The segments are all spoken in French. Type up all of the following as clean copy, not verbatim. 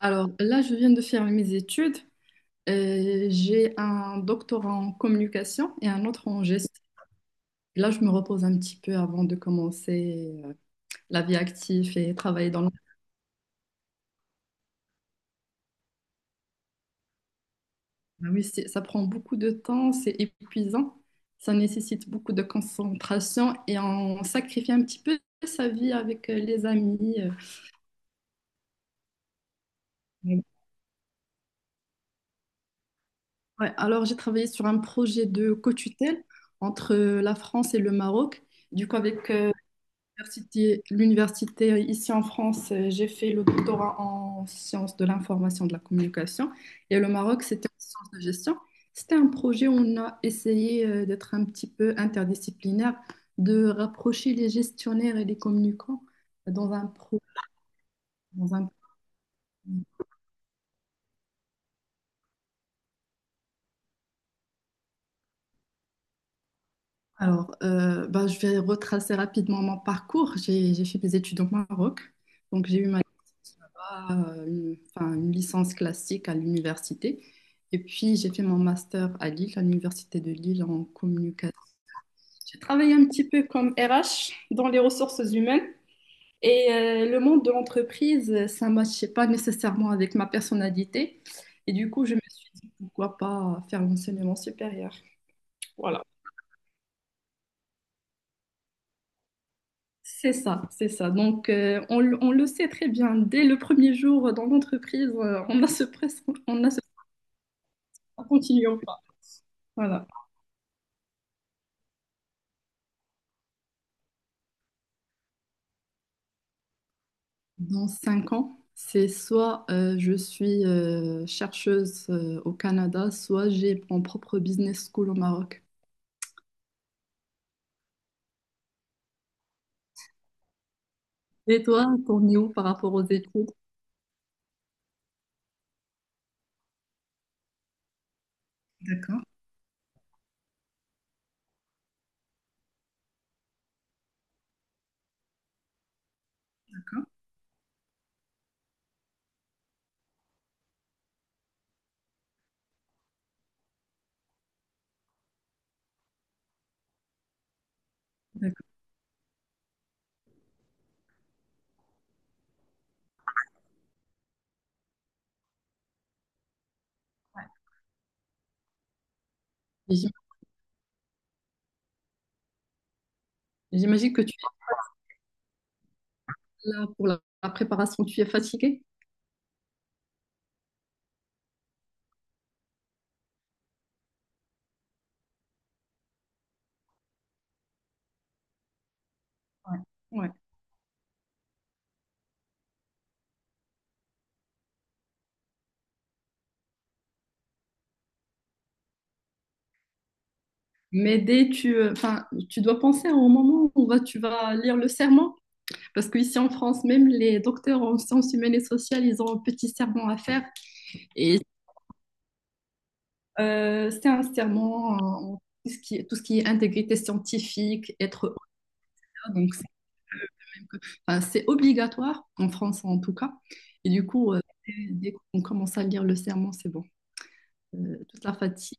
Alors là, je viens de faire mes études. J'ai un doctorat en communication et un autre en gestion. Là, je me repose un petit peu avant de commencer la vie active et travailler dans le... Ah oui, ça prend beaucoup de temps, c'est épuisant, ça nécessite beaucoup de concentration et on sacrifie un petit peu sa vie avec les amis. Ouais, alors, j'ai travaillé sur un projet de co-tutelle entre la France et le Maroc. Du coup, avec l'université ici en France, j'ai fait le doctorat en sciences de l'information de la communication et le Maroc, c'était en sciences de gestion. C'était un projet où on a essayé d'être un petit peu interdisciplinaire, de rapprocher les gestionnaires et les communicants dans un pro- dans un projet. Alors, ben, je vais retracer rapidement mon parcours. J'ai fait mes études au Maroc. Donc, j'ai eu ma licence là-bas, enfin, une licence classique à l'université. Et puis, j'ai fait mon master à Lille, à l'université de Lille en communication. J'ai travaillé un petit peu comme RH dans les ressources humaines et le monde de l'entreprise, ça ne matchait pas nécessairement avec ma personnalité. Et du coup, je me suis dit, pourquoi pas faire l'enseignement supérieur. Voilà. C'est ça, c'est ça. Donc, on le sait très bien. Dès le premier jour dans l'entreprise, on a ce continuer ou pas. Voilà. Dans 5 ans, c'est soit je suis chercheuse au Canada, soit j'ai mon propre business school au Maroc. Et toi, t'en es où par rapport aux études? D'accord, d'accord. Ouais. Et j'im- J'imagine que tu es là pour la préparation, tu es fatiguée? Ouais. Ouais. Mais enfin, tu dois penser au moment où tu vas lire le serment, parce qu'ici en France, même les docteurs en sciences humaines et sociales, ils ont un petit serment à faire. Et c'est un serment en tout ce qui est intégrité scientifique, être honnête, donc c'est enfin, c'est obligatoire, en France en tout cas. Et du coup, dès qu'on commence à lire le serment, c'est bon. Toute la fatigue.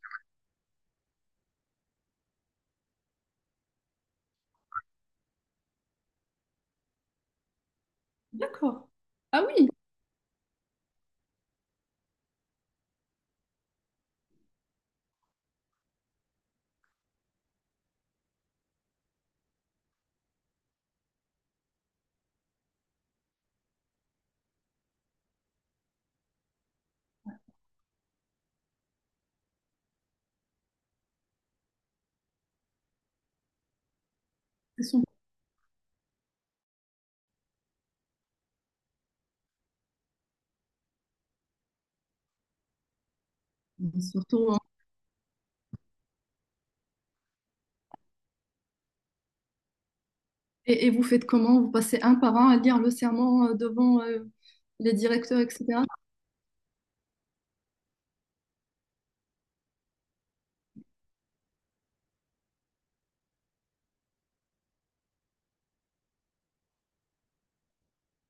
D'accord. Ah oui, c'est son- surtout. Et vous faites comment? Vous passez un par un à lire le serment devant les directeurs, etc.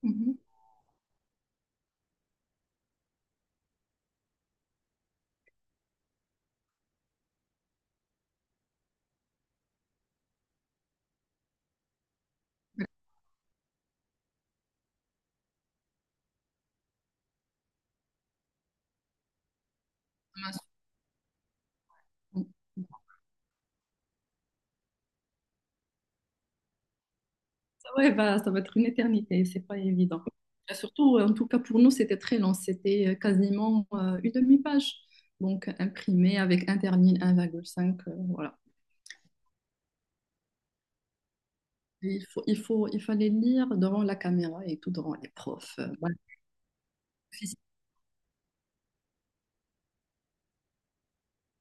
Mhm. Ça, ouais, bah, ça va être une éternité, c'est pas évident. Et surtout, en tout cas pour nous, c'était très long, c'était quasiment une demi-page. Donc imprimé avec interligne 1,5, voilà. Et il fallait lire devant la caméra et tout devant les profs. Voilà.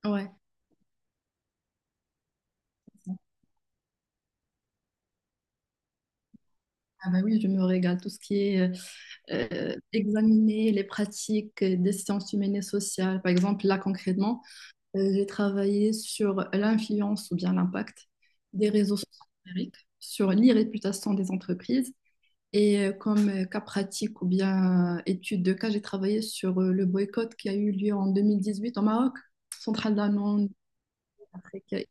Ouais. Ah bah oui, je me régale. Tout ce qui est examiner les pratiques des sciences humaines et sociales. Par exemple, là concrètement, j'ai travaillé sur l'influence ou bien l'impact des réseaux sociaux numériques sur l'irréputation des entreprises. Et comme cas pratique ou bien étude de cas, j'ai travaillé sur le boycott qui a eu lieu en 2018 au Maroc, centrale d'Amman, Afrique. J'ai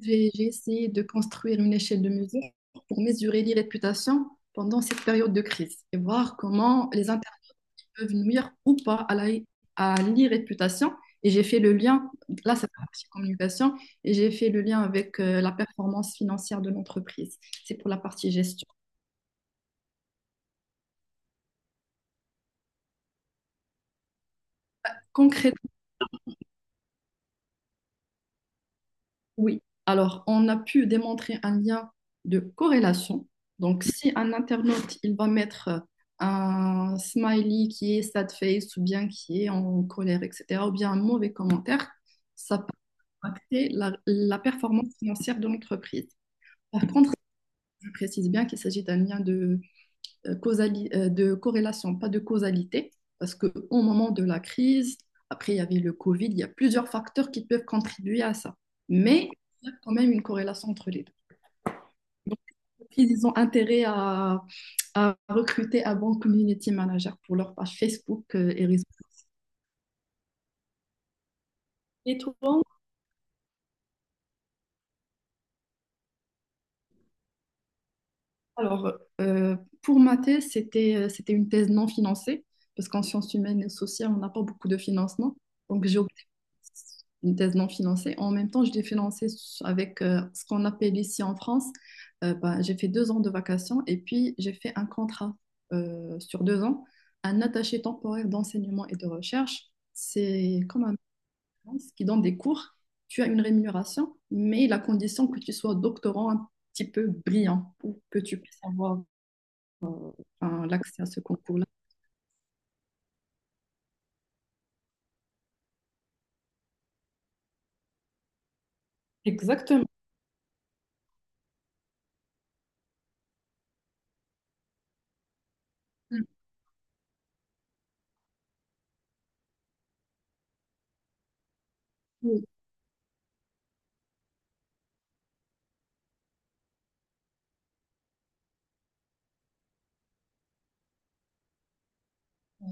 j'ai essayé de construire une échelle de mesure pour mesurer l'irréputation pendant cette période de crise et voir comment peuvent nuire ou pas à l'irréputation. Et j'ai fait le lien, là c'est la partie communication, et j'ai fait le lien avec la performance financière de l'entreprise. C'est pour la partie gestion. Concrètement, oui. Alors, on a pu démontrer un lien de corrélation. Donc, si un internaute, il va mettre un smiley qui est sad face ou bien qui est en colère, etc., ou bien un mauvais commentaire, ça peut impacter la performance financière de l'entreprise. Par contre, je précise bien qu'il s'agit d'un lien de corrélation, pas de causalité, parce qu'au moment de la crise, après il y avait le Covid, il y a plusieurs facteurs qui peuvent contribuer à ça. Mais il y a quand même une corrélation entre les deux. Donc, ils ont intérêt à recruter un bon community manager pour leur page Facebook et réseaux. Et toi, alors, euh, pour ma thèse, c'était une thèse non financée, parce qu'en sciences humaines et sociales, on n'a pas beaucoup de financement. Donc, j'ai opté pour une thèse non financée. En même temps, je l'ai financée avec ce qu'on appelle ici en France. Bah, j'ai fait 2 ans de vacations et puis j'ai fait un contrat sur 2 ans, un attaché temporaire d'enseignement et de recherche. C'est comme un qui donnent des cours, tu as une rémunération, mais la condition que tu sois doctorant un petit peu brillant pour que tu puisses avoir hein, l'accès à ce concours-là. Exactement. Oui.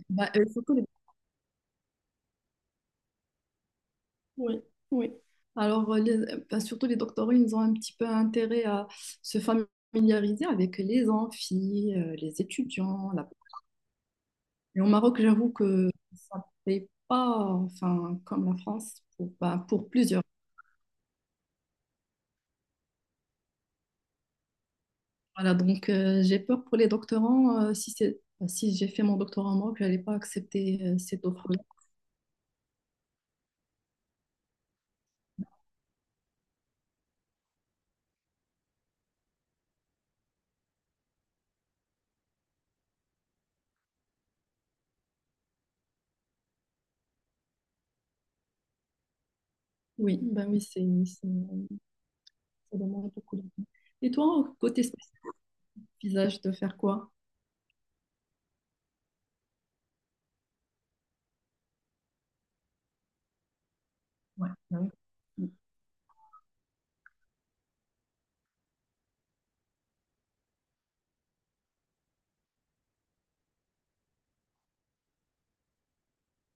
Bah, surtout oui, oui. Alors, bah, surtout les doctorants, ils ont un petit peu intérêt à se familiariser avec les amphis, les étudiants. Et au Maroc, j'avoue que ça ne paye pas enfin, comme la France pour, bah, pour plusieurs. Voilà, donc j'ai peur pour les doctorants. Si c'est, bah, si j'ai fait mon doctorat en Maroc, je n'allais pas accepter cette offre-là. Oui, ben oui, ça demande beaucoup de temps. Et toi, côté spécialisage, de faire quoi? Ouais, ben oui.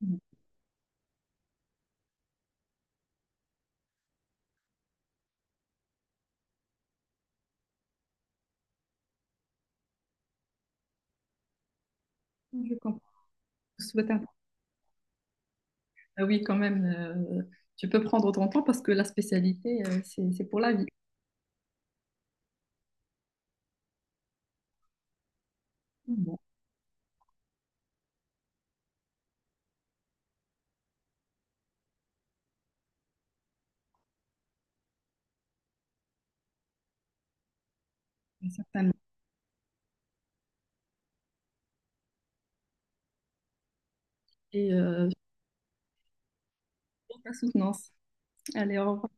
Mm, mm. Je comprends. Je souhaite un- Ah oui, quand même, tu peux prendre ton temps parce que la spécialité, c'est pour la vie. Bon, certainement. Et je te souhaite la soutenance. Allez, au revoir.